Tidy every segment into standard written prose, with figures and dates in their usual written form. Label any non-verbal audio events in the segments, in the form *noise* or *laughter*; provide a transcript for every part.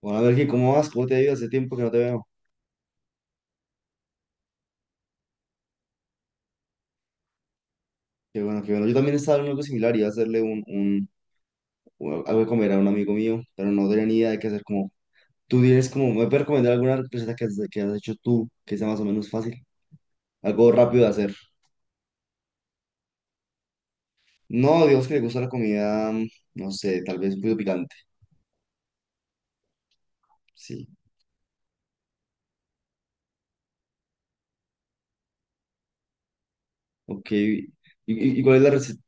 Bueno, Melqui, ¿cómo vas? ¿Cómo te ha ido? Hace tiempo que no te veo. Qué bueno, qué bueno. Yo también estaba en algo similar, iba a hacerle algo de comer a un amigo mío, pero no tenía ni idea de qué hacer. Como, tú tienes como, ¿me puedes recomendar alguna receta que has hecho tú que sea más o menos fácil? Algo rápido de hacer. No, Dios que le gusta la comida, no sé, tal vez un poquito picante. Sí, ok. ¿Y cuál es la receta?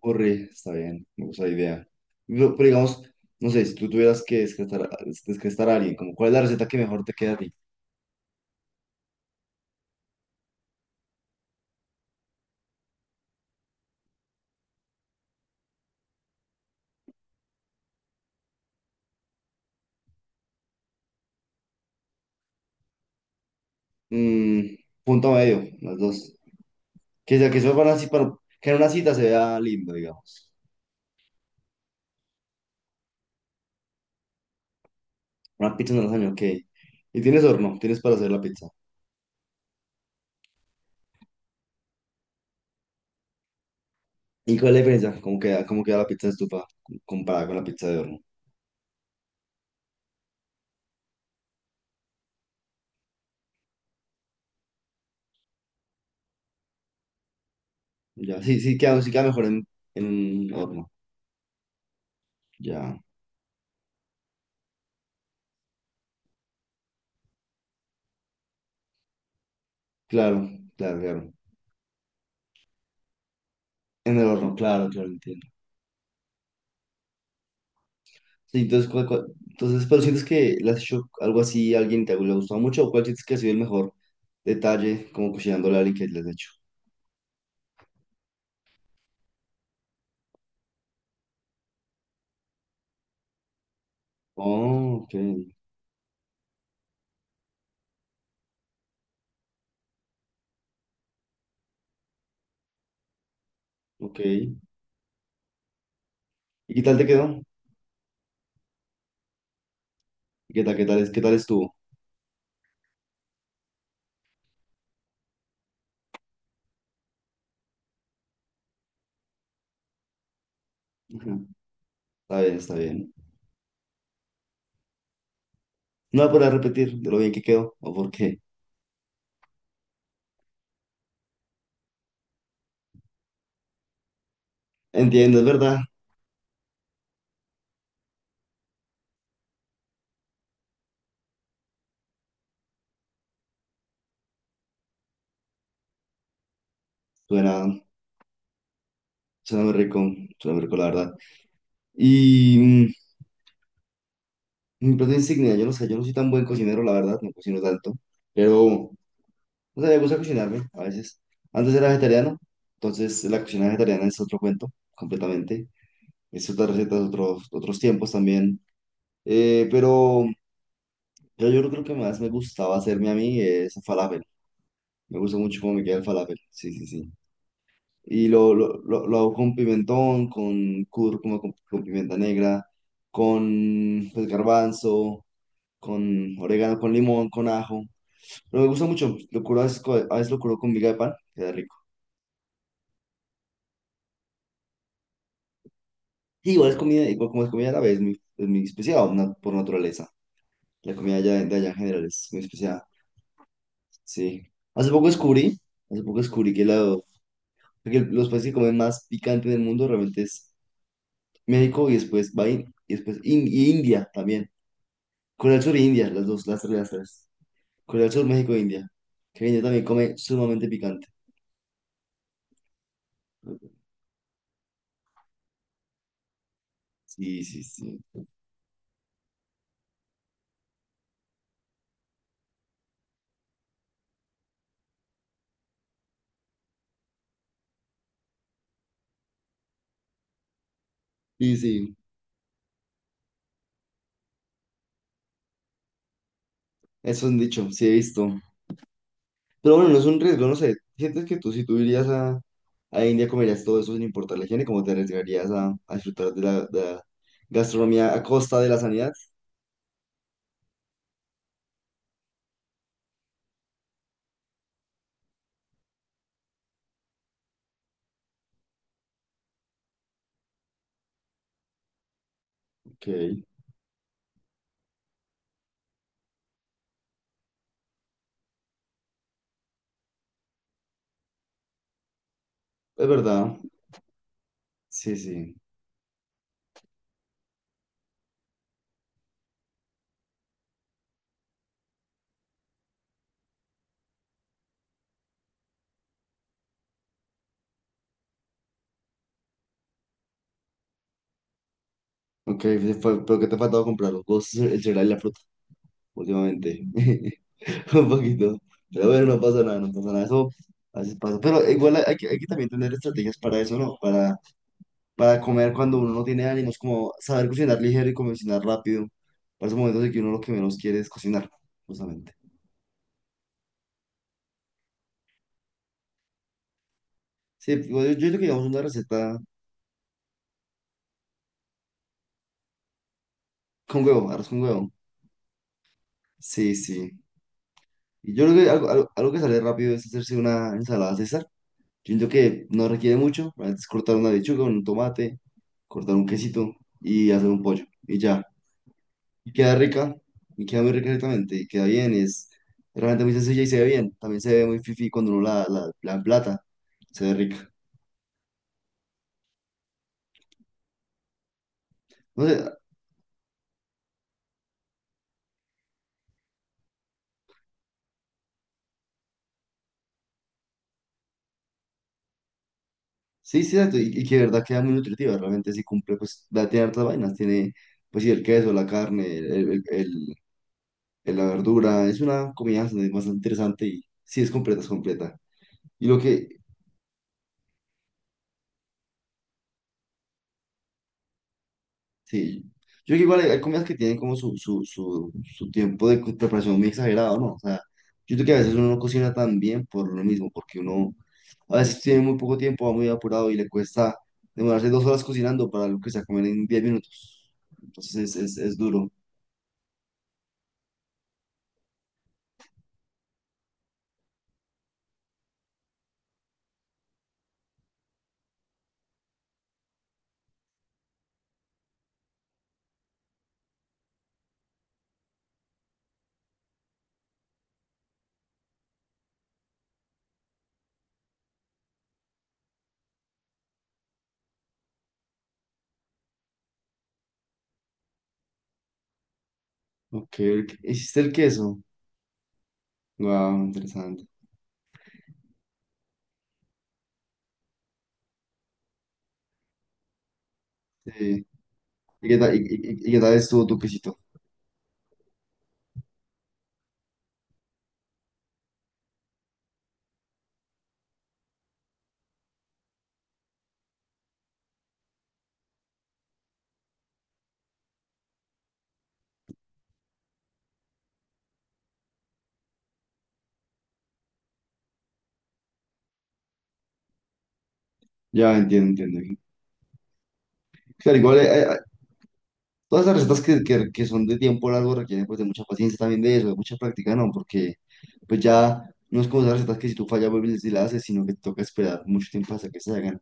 Corre, está bien, me gusta la idea. Pero digamos, no sé, si tú tuvieras que descartar, descartar a alguien, como, ¿cuál es la receta que mejor te queda a ti? Mm, punto medio, las dos. Que sea que eso van así para que en una cita se vea lindo, digamos. Una pizza en el año, ok. Y tienes horno, tienes para hacer la pizza. ¿Y cuál es la diferencia? Cómo queda la pizza de estufa comparada con la pizza de horno? Ya, sí, sí queda mejor en un horno. Ya, claro, claro, claro. En el horno, claro, claro, entiendo. Sí, entonces, entonces, pero sientes que le has hecho algo así a alguien y te ha le ha gustado mucho, o cuál sientes que ha sido el mejor detalle como cocinando a alguien que le has hecho? Oh, ok. Ok. ¿Y qué tal te quedó? ¿Y ¿Qué tal, qué tal estuvo? Ujú. Está bien, está bien. No voy a poder repetir de lo bien que quedó o por qué. Entiendo, es verdad. Suena, suena muy rico, suena muy rico, la verdad. Y mi plato insignia, yo no sé, yo no soy tan buen cocinero, la verdad, no cocino tanto, pero, no sé, me gusta cocinarme a veces. Antes era vegetariano, entonces la cocina vegetariana es otro cuento, completamente. Es otras recetas, otros, otros tiempos también. Pero... yo creo que más me gustaba hacerme a mí es falafel. Me gusta mucho cómo me queda el falafel. Sí, sí, sí. Y lo hago con pimentón, con cúrcuma, con pimienta negra, con pues, garbanzo, con orégano, con limón, con ajo. Pero me gusta mucho. Lo curo a veces, a veces lo curo con miga de pan. Queda rico. Y igual es comida, igual como es comida árabe, es muy especial por naturaleza. La comida de allá en general es muy especial. Sí. Hace poco descubrí, hace poco descubrí que, que los países que comen más picante del mundo realmente es México y después, va in- y después in- y India también. Corea del Sur e India, las tres, las tres. Corea del Sur, México e India. Que India también come sumamente picante. Sí, sí, sí. Sí, sí. Eso es un dicho, sí he visto. Pero bueno, no es un riesgo, no sé. ¿Sientes que tú, si tú irías a India, comerías todo eso sin importar la higiene? ¿Cómo te arriesgarías a disfrutar de la gastronomía a costa de la sanidad? Ok, es verdad. Sí, sí. Ok, sí, pero que te ha faltado comprar los dos, *laughs* el cereal y la fruta últimamente. *laughs* Un poquito. Pero bueno, no pasa nada, no pasa nada. Eso así pasa. Pero igual hay, hay que también tener estrategias para eso, ¿no? Para comer cuando uno no tiene ánimos, como saber cocinar ligero y cocinar rápido. Para esos momentos en que uno lo que menos quiere es cocinar, justamente. Sí, igual yo creo que llevamos una receta con huevo, arroz con huevo. Sí, sí. Y yo creo que algo que sale rápido es hacerse una ensalada César. Yo siento que no requiere mucho, es cortar una lechuga, un tomate, cortar un quesito y hacer un pollo y ya. Y queda rica, y queda muy rica exactamente, y queda bien, es realmente muy sencilla y se ve bien. También se ve muy fifi cuando uno la emplata, se ve rica. No sé, sí, sí, exacto, y que de verdad queda muy nutritiva, realmente sí cumple, pues tiene hartas vainas, tiene pues sí, el queso, la carne, la verdura, es una comida bastante bastante interesante y sí es completa, es completa. Y lo que, sí. Yo creo que igual hay, hay comidas que tienen como su tiempo de preparación muy exagerado, ¿no? O sea, yo creo que a veces uno no cocina tan bien por lo mismo, porque uno a veces tiene muy poco tiempo, va muy apurado y le cuesta demorarse 2 horas cocinando para algo que se va a comer en 10 minutos. Entonces es duro. Ok, hiciste el queso. Wow, interesante. Sí. ¿Y qué tal, y qué tal estuvo tu quesito? Ya, entiendo, entiendo. Claro, igual, todas las recetas que son de tiempo largo requieren pues de mucha paciencia también de eso, de mucha práctica, ¿no? Porque pues ya no es como esas recetas que si tú fallas vuelves y las haces, sino que te toca esperar mucho tiempo hasta que se hagan.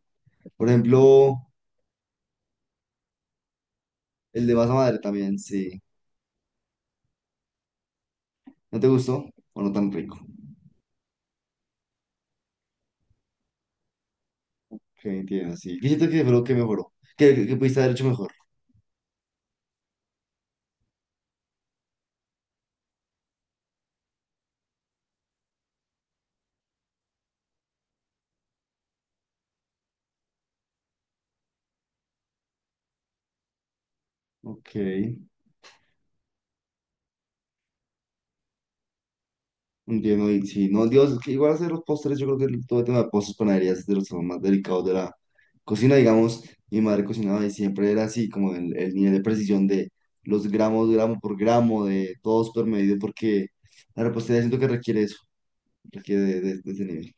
Por ejemplo, el de masa madre también, sí. ¿No te gustó? ¿O no tan rico? Ok, entiendo, sí. ¿Qué siento que fue lo que mejoró? ¿Qué pudiste haber hecho mejor? Ok, entiendo. Y sí, no, Dios, es que igual hacer los postres, yo creo que todo el tema de postres, panaderías es de los temas más delicados de la cocina, digamos. Mi madre cocinaba y siempre era así, como el nivel de precisión de los gramos, gramo por gramo, de todo súper medido, porque la repostería siento que requiere eso, requiere de ese nivel.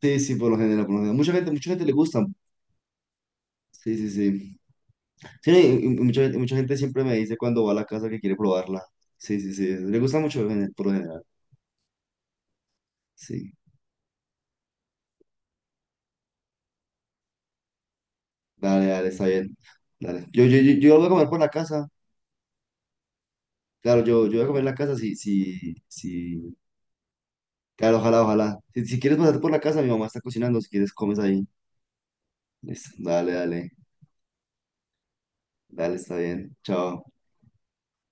Sí, sí, por lo general, por lo general. Mucha gente le gusta, sí, sí, sí. Sí, y mucha gente siempre me dice cuando va a la casa que quiere probarla. Sí, sí, sí. Le gusta mucho en por lo general. Sí. Dale, dale, está bien. Dale. Yo voy a comer por la casa. Claro, yo voy a comer en la casa si, si, si. Claro, ojalá, ojalá. Si, si quieres pasarte por la casa, mi mamá está cocinando. Si quieres, comes ahí. Listo. Dale, dale. Dale, está bien. Chao.